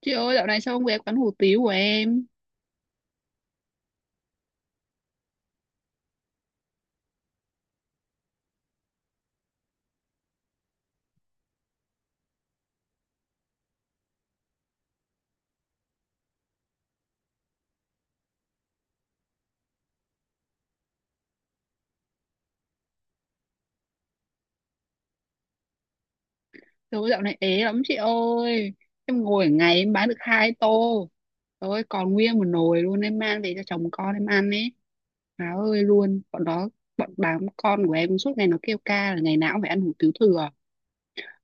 Chị ơi dạo này sao không ghé quán hủ tiếu của em? Trời ơi dạo này ế lắm chị ơi. Em ngồi ở ngày em bán được hai tô. Trời ơi còn nguyên một nồi luôn. Em mang về cho chồng con em ăn ấy. Má ơi luôn. Bọn đó đám con của em suốt ngày nó kêu ca là ngày nào cũng phải ăn hủ tiếu thừa.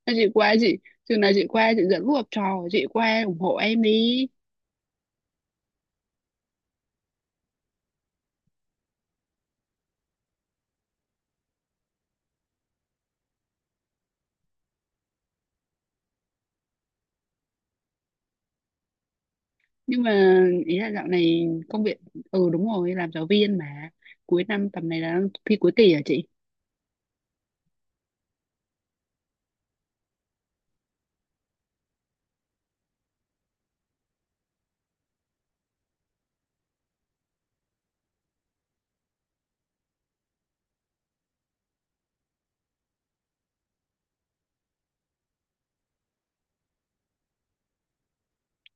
Nên chị qua chị chừng nào chị qua chị dẫn lũ học trò, chị qua ủng hộ em đi. Nhưng mà ý là dạo này công việc, ừ đúng rồi, làm giáo viên mà. Cuối năm tầm này là thi cuối kỳ hả chị?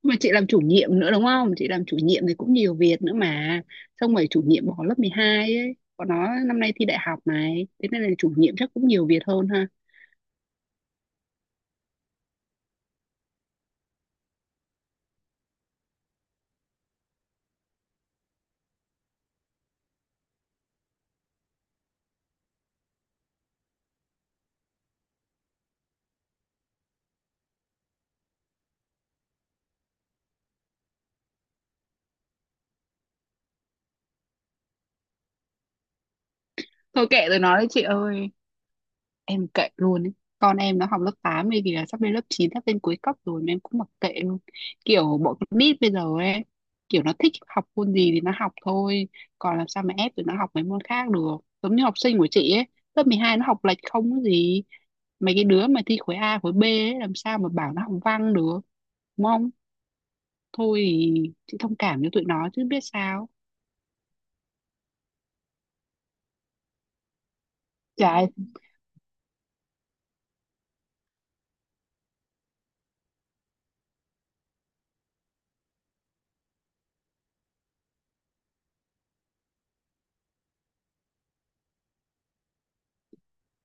Mà chị làm chủ nhiệm nữa đúng không? Chị làm chủ nhiệm thì cũng nhiều việc nữa mà, xong rồi chủ nhiệm bỏ lớp 12 ấy, còn nó năm nay thi đại học này, thế nên là chủ nhiệm chắc cũng nhiều việc hơn ha. Thôi kệ rồi nói đấy chị ơi, em kệ luôn ấy. Con em nó học lớp 8 ấy, giờ sắp lên lớp chín, sắp lên cuối cấp rồi mà em cũng mặc kệ luôn. Kiểu bọn con nít bây giờ ấy, kiểu nó thích học môn gì thì nó học thôi, còn làm sao mà ép tụi nó học mấy môn khác được. Giống như học sinh của chị ấy, lớp 12 nó học lệch không có gì. Mấy cái đứa mà thi khối A khối B ấy, làm sao mà bảo nó học văn được, đúng không? Thôi thì chị thông cảm cho tụi nó chứ biết sao. Trời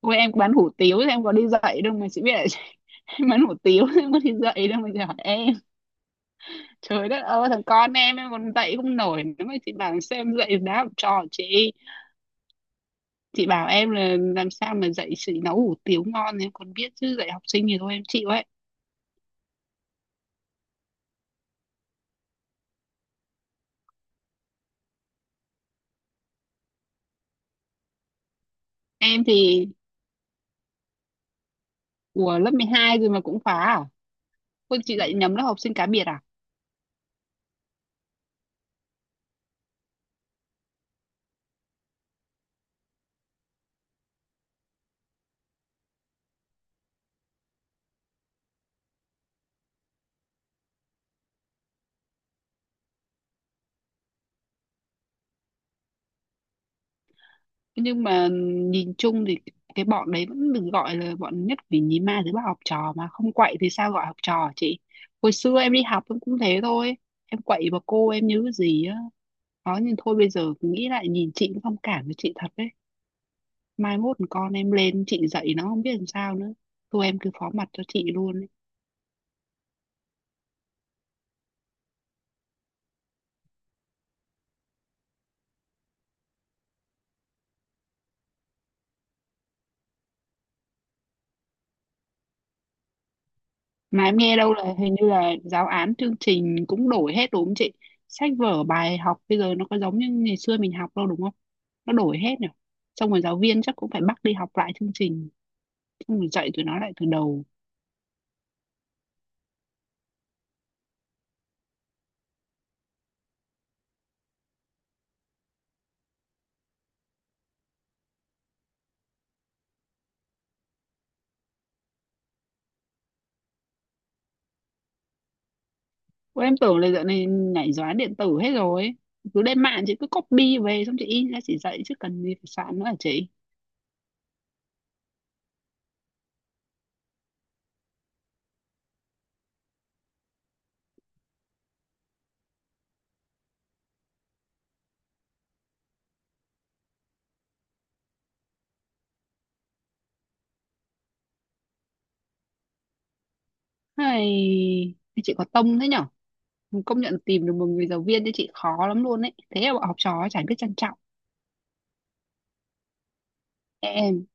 ôi, em bán hủ tiếu thì em có đi dạy đâu mà chị biết là chị- Em bán hủ tiếu thì em có đi dạy đâu mà chị hỏi em. Trời đất ơi, thằng con em còn dạy không nổi nữa mà chị bảo sao em dạy đá học trò chị. Chị bảo em là làm sao mà dạy chị nấu hủ tiếu ngon thì em còn biết, chứ dạy học sinh thì thôi em chịu ấy. Em thì của lớp mười hai rồi mà cũng phá à? Ôi, chị dạy nhầm lớp học sinh cá biệt à? Nhưng mà nhìn chung thì cái bọn đấy vẫn được gọi là bọn nhất vì nhí ma thứ ba, học trò mà không quậy thì sao gọi học trò chị. Hồi xưa em đi học em cũng thế thôi, em quậy bà cô em nhớ gì á. Đó nhưng thôi, bây giờ nghĩ lại nhìn chị cũng thông cảm với chị thật đấy. Mai mốt con em lên chị dạy nó không biết làm sao nữa, thôi em cứ phó mặt cho chị luôn. Mà em nghe đâu là hình như là giáo án chương trình cũng đổi hết đúng không chị? Sách vở bài học bây giờ nó có giống như ngày xưa mình học đâu, đúng không? Nó đổi hết nhỉ, xong rồi giáo viên chắc cũng phải bắt đi học lại chương trình, xong rồi dạy tụi nó lại từ đầu. Ủa, em tưởng là dạo này nhảy giáo án điện tử hết rồi, cứ lên mạng chị cứ copy về xong chị in ra chị dạy chứ cần gì phải soạn nữa hả chị? Hay chị có tông thế nhở? Công nhận tìm được một người giáo viên cho chị khó lắm luôn ấy, thế mà bọn học trò chả biết trân trọng. Em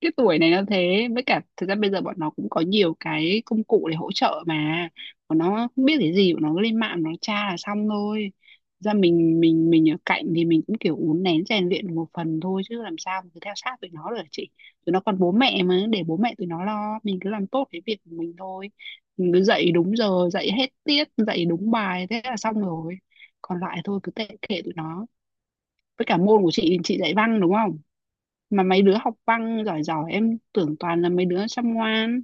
cái tuổi này nó thế, với cả thực ra bây giờ bọn nó cũng có nhiều cái công cụ để hỗ trợ mà. Bọn nó không biết cái gì bọn nó cứ lên mạng nó tra là xong thôi. Thực ra mình ở cạnh thì mình cũng kiểu uốn nén rèn luyện một phần thôi chứ làm sao mà cứ theo sát tụi nó được hả chị. Tụi nó còn bố mẹ mà, để bố mẹ tụi nó lo, mình cứ làm tốt cái việc của mình thôi. Mình cứ dạy đúng giờ, dạy hết tiết, dạy đúng bài thế là xong rồi, còn lại thôi cứ tệ kệ tụi nó. Với cả môn của chị dạy văn đúng không? Mà mấy đứa học văn giỏi giỏi em tưởng toàn là mấy đứa chăm ngoan.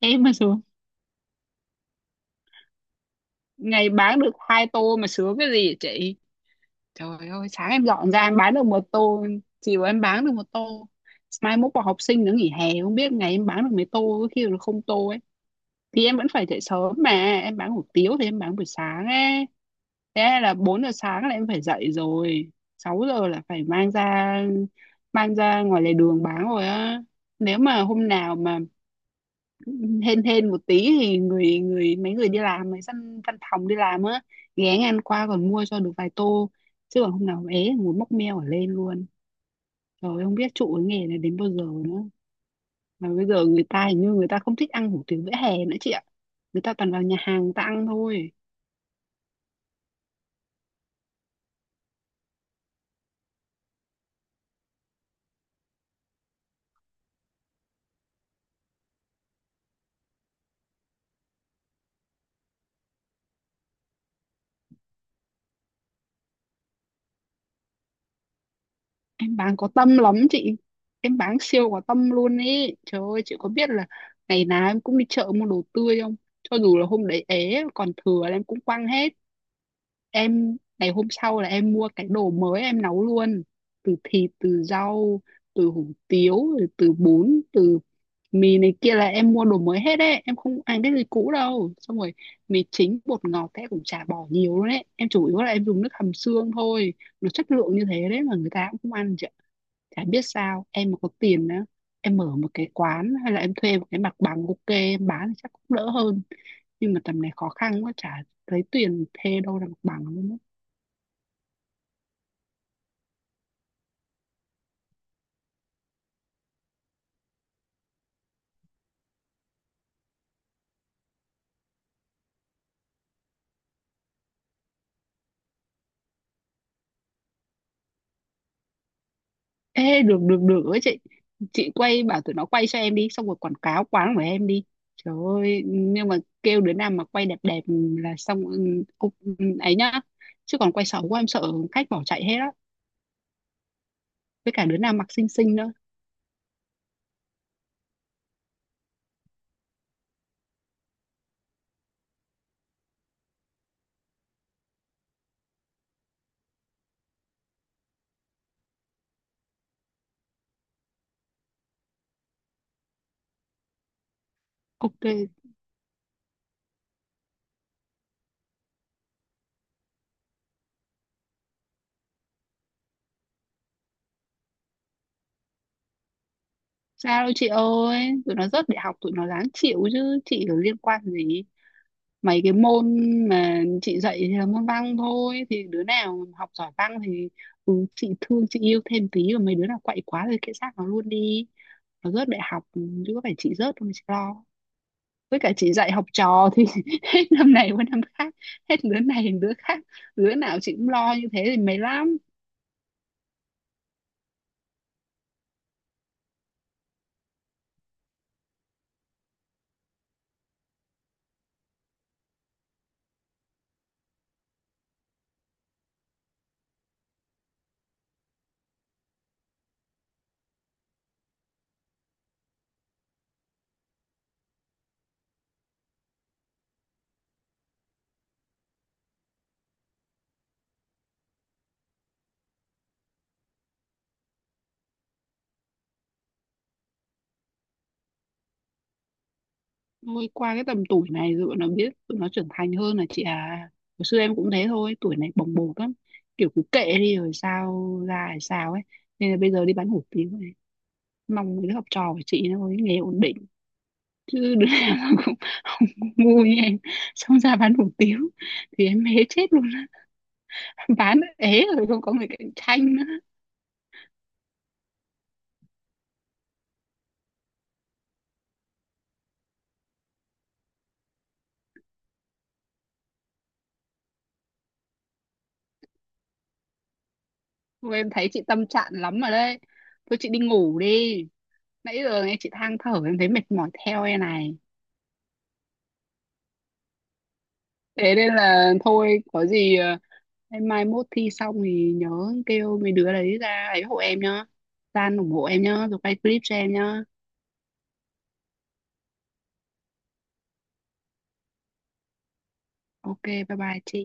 Em mà xuống ngày bán được hai tô mà sướng cái gì chị. Trời ơi, sáng em dọn ra em bán được một tô, chiều em bán được một tô. Mai mốt vào học sinh nó nghỉ hè không biết ngày em bán được mấy tô, có khi là không tô ấy. Thì em vẫn phải dậy sớm mà, em bán hủ tiếu thì em bán buổi sáng ấy, thế là 4 giờ sáng là em phải dậy rồi, 6 giờ là phải mang ra, mang ra ngoài lề đường bán rồi á. Nếu mà hôm nào mà hên hên một tí thì người người, mấy người đi làm, mấy văn văn phòng đi làm á, ghé ngang qua còn mua cho được vài tô. Chứ còn hôm nào ế ngồi móc meo ở lên luôn, rồi không biết trụ cái nghề này đến bao giờ nữa. Mà bây giờ người ta hình như người ta không thích ăn hủ tiếu vỉa hè nữa chị ạ, người ta toàn vào nhà hàng người ta ăn thôi. Em bán có tâm lắm chị, em bán siêu có tâm luôn ý. Trời ơi chị có biết là ngày nào em cũng đi chợ mua đồ tươi không, cho dù là hôm đấy ế còn thừa là em cũng quăng hết. Em ngày hôm sau là em mua cái đồ mới em nấu luôn, từ thịt, từ rau, từ hủ tiếu, rồi từ bún, từ mì này kia là em mua đồ mới hết đấy, em không ăn cái gì cũ đâu. Xong rồi mì chính bột ngọt cái cũng chả bỏ nhiều luôn đấy, em chủ yếu là em dùng nước hầm xương thôi. Nó chất lượng như thế đấy mà người ta cũng không ăn chị ạ, chả biết sao. Em mà có tiền á, em mở một cái quán hay là em thuê một cái mặt bằng ok em bán thì chắc cũng đỡ hơn, nhưng mà tầm này khó khăn quá, chả lấy tiền thuê đâu ra mặt bằng luôn á. Ê được được được ấy chị quay bảo tụi nó quay cho em đi xong rồi quảng cáo quán của em đi. Trời ơi nhưng mà kêu đứa nào mà quay đẹp đẹp là xong, ừ, cũng ấy nhá, chứ còn quay xấu quá em sợ khách bỏ chạy hết á. Với cả đứa nào mặc xinh xinh nữa. Ok. Sao đâu chị ơi, tụi nó rớt đại học tụi nó ráng chịu chứ, chị có liên quan gì. Mấy cái môn mà chị dạy thì là môn văn thôi, thì đứa nào học giỏi văn thì ừ, chị thương chị yêu thêm tí, và mấy đứa nào quậy quá thì kệ xác nó luôn đi. Nó rớt đại học chứ có phải chị rớt đâu mà chị lo. Với cả chị dạy học trò thì hết năm này qua năm khác, hết đứa này đến đứa khác, đứa nào chị cũng lo như thế thì mệt lắm. Thôi qua cái tầm tuổi này rồi bọn nó biết, tụi nó trưởng thành hơn là chị à. Hồi xưa em cũng thế thôi, tuổi này bồng bột lắm, kiểu cứ kệ đi rồi sao ra hay sao ấy. Nên là bây giờ đi bán hủ tiếu này, mong mấy đứa học trò của chị nó có cái nghề ổn định, chứ đứa nào nó cũng không ngu như em, xong ra bán hủ tiếu thì em ế chết luôn á. Bán ế rồi không có người cạnh tranh nữa. Thôi em thấy chị tâm trạng lắm rồi đấy, thôi chị đi ngủ đi, nãy giờ nghe chị than thở em thấy mệt mỏi theo em này. Thế nên là thôi có gì em mai mốt thi xong thì nhớ kêu mấy đứa đấy ra ấy hộ em nhá, San ủng hộ em nhá, rồi quay clip cho em nhá. Ok bye bye chị.